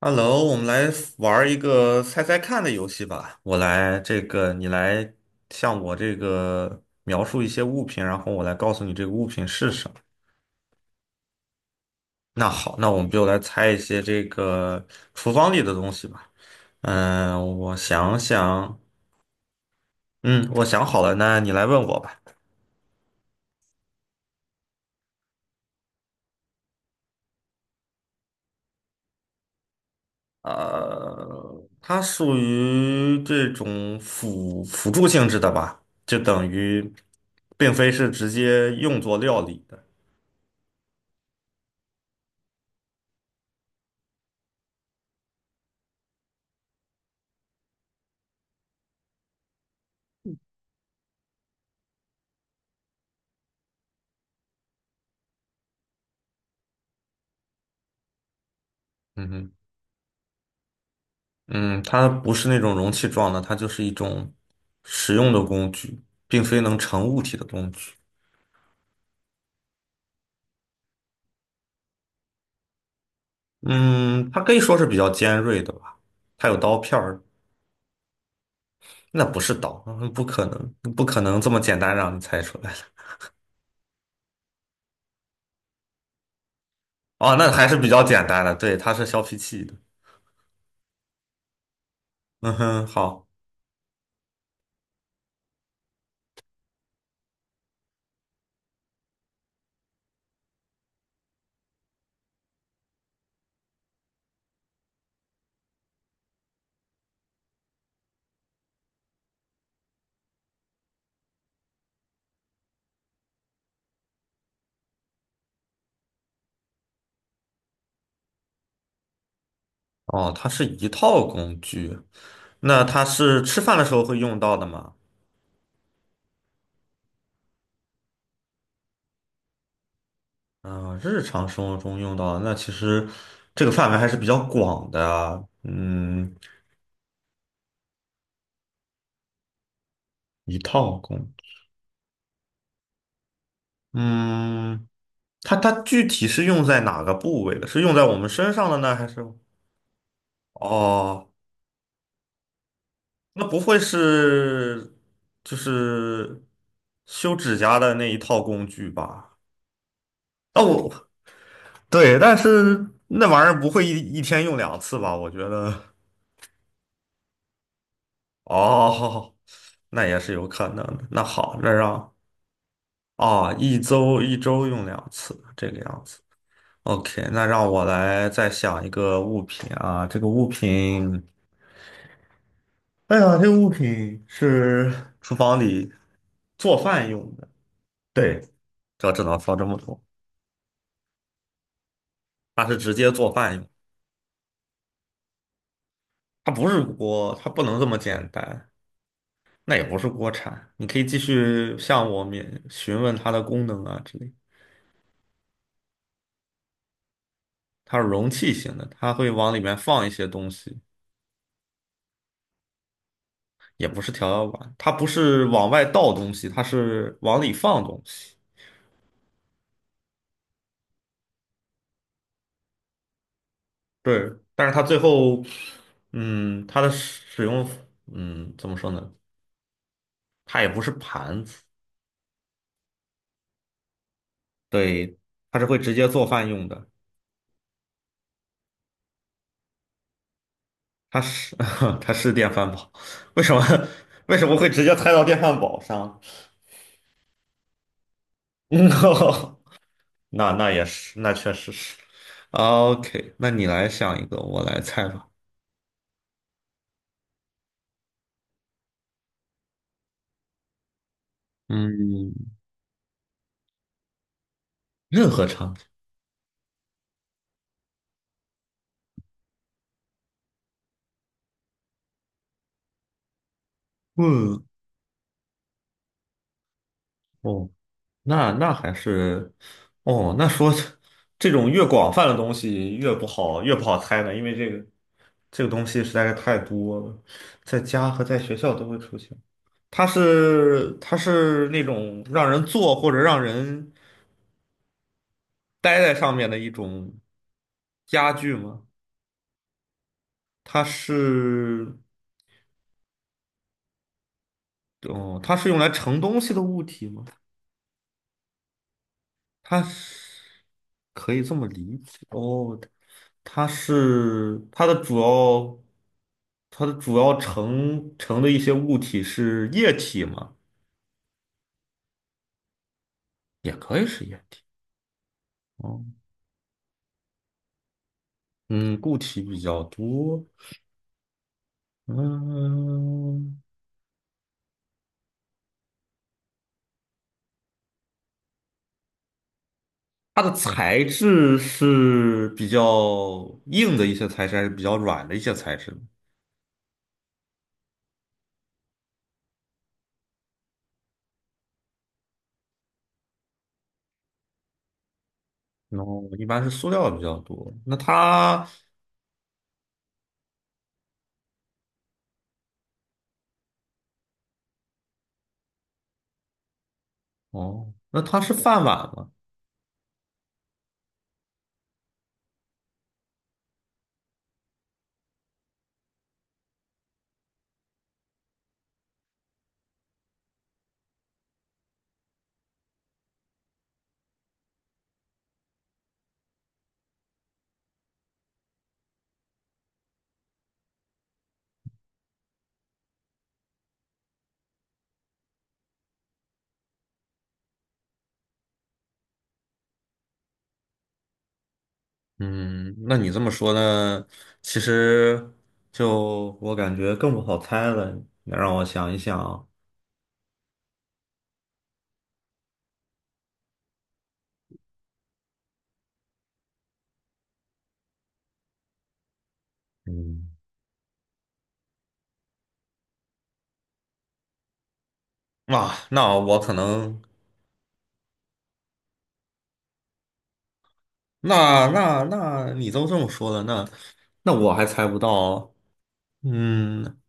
Hello,我们来玩儿一个猜猜看的游戏吧。我来这个，你来向我这个描述一些物品，然后我来告诉你这个物品是什么。那好，那我们就来猜一些这个厨房里的东西吧。我想想，嗯，我想好了，那你来问我吧。它属于这种辅助性质的吧，就等于并非是直接用作料理的。嗯哼。嗯，它不是那种容器状的，它就是一种实用的工具，并非能成物体的工具。嗯，它可以说是比较尖锐的吧，它有刀片儿，那不是刀，嗯不可能，不可能这么简单让你猜出来的。哦，那还是比较简单的，对，它是削皮器的。嗯哼，好。哦，它是一套工具，那它是吃饭的时候会用到的吗？嗯，日常生活中用到的那其实这个范围还是比较广的啊嗯，一套功，嗯，它具体是用在哪个部位的？是用在我们身上的呢，还是？哦，那不会是就是修指甲的那一套工具吧？哦，对，但是那玩意儿不会一天用两次吧？我觉得，哦，那也是有可能的。那好，那让啊，一周用两次，这个样子。OK,那让我来再想一个物品啊，这个物品，哎呀，这个物品是厨房里做饭用的，对，这只能放这么多。它是直接做饭用，它不是锅，它不能这么简单，那也不是锅铲。你可以继续向我们询问它的功能啊之类。它是容器型的，它会往里面放一些东西，也不是调料碗，它不是往外倒东西，它是往里放东西。对，但是它最后，它的使用，嗯，怎么说呢？它也不是盘子，对，它是会直接做饭用的。它是 它是电饭煲，为什么 为什么会直接猜到电饭煲上？嗯，那那也是，那确实是。OK,那你来想一个，我来猜吧。嗯，任何场景。嗯，哦，那那还是，哦，那说这种越广泛的东西越不好，越不好猜呢，因为这个这个东西实在是太多了，在家和在学校都会出现。它是那种让人坐或者让人待在上面的一种家具吗？它是，哦，它是用来盛东西的物体吗？它是可以这么理解哦，它是它的主要它的主要成成的一些物体是液体吗？也可以是液体哦，嗯，固体比较多，嗯，它的材质是比较硬的一些材质，还是比较软的一些材质呢？然后一般是塑料比较多，那它哦，那它是饭碗吗？嗯，那你这么说呢？其实就我感觉更不好猜了。你让我想一想，嗯，啊，那我可能，那那你都这么说了，那那我还猜不到。嗯，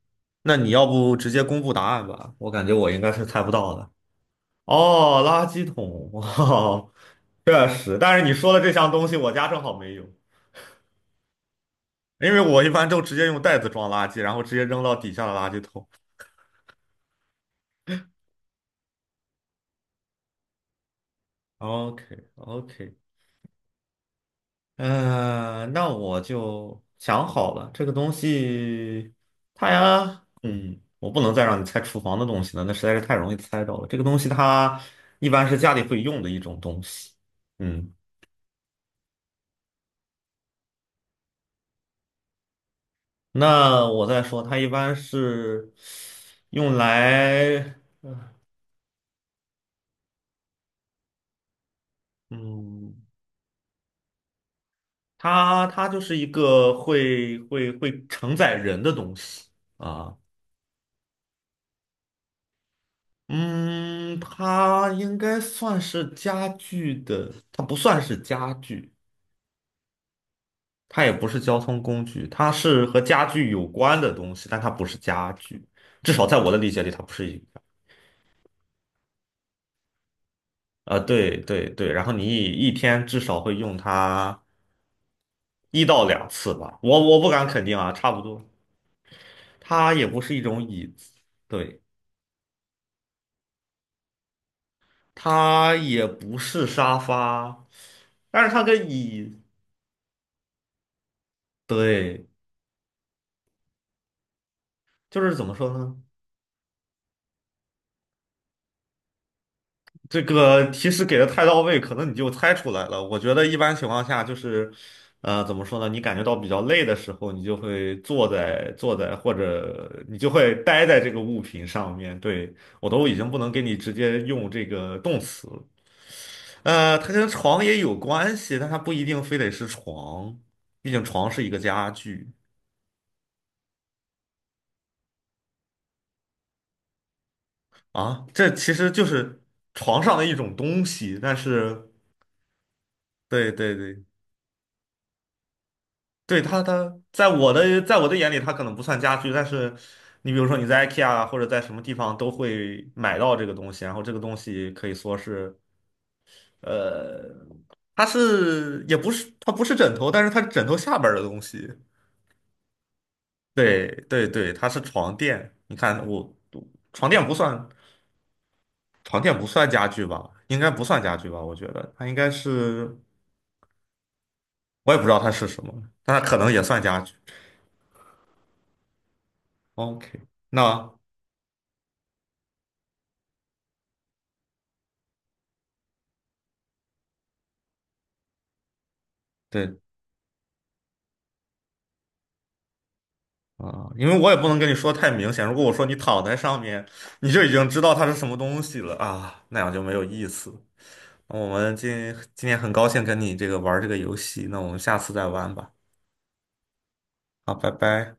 那你要不直接公布答案吧？我感觉我应该是猜不到的。哦，垃圾桶，哦，确实。但是你说的这项东西，我家正好没有，因为我一般都直接用袋子装垃圾，然后直接扔到底下的垃圾桶。OK OK,那我就想好了，这个东西，它呀，嗯，我不能再让你猜厨房的东西了，那实在是太容易猜到了。这个东西它一般是家里会用的一种东西。嗯，那我再说，它一般是用来，嗯，它就是一个会承载人的东西啊。嗯，它应该算是家具的，它不算是家具，它也不是交通工具，它是和家具有关的东西，但它不是家具，至少在我的理解里，它不是一个。对对对，然后你一天至少会用它1到2次吧，我不敢肯定啊，差不多。它也不是一种椅子，对，它也不是沙发，但是它跟椅，对，就是怎么说呢？这个提示给的太到位，可能你就猜出来了。我觉得一般情况下就是，呃，怎么说呢？你感觉到比较累的时候，你就会坐在，或者你就会待在这个物品上面。对，我都已经不能给你直接用这个动词了它跟床也有关系，但它不一定非得是床，毕竟床是一个家具啊。这其实就是床上的一种东西，但是对对对。对它，它在我的眼里，它可能不算家具，但是你比如说你在 IKEA 啊或者在什么地方都会买到这个东西，然后这个东西可以说是，呃，它是也不是它不是枕头，但是它是枕头下边儿的东西。对对对，它是床垫。你看我床垫不算床垫不算家具吧？应该不算家具吧？我觉得它应该是，我也不知道它是什么，但它可能也算家具。OK,那。对。啊，因为我也不能跟你说太明显。如果我说你躺在上面，你就已经知道它是什么东西了啊，那样就没有意思。那我们今天很高兴跟你这个玩儿这个游戏，那我们下次再玩吧。好，拜拜。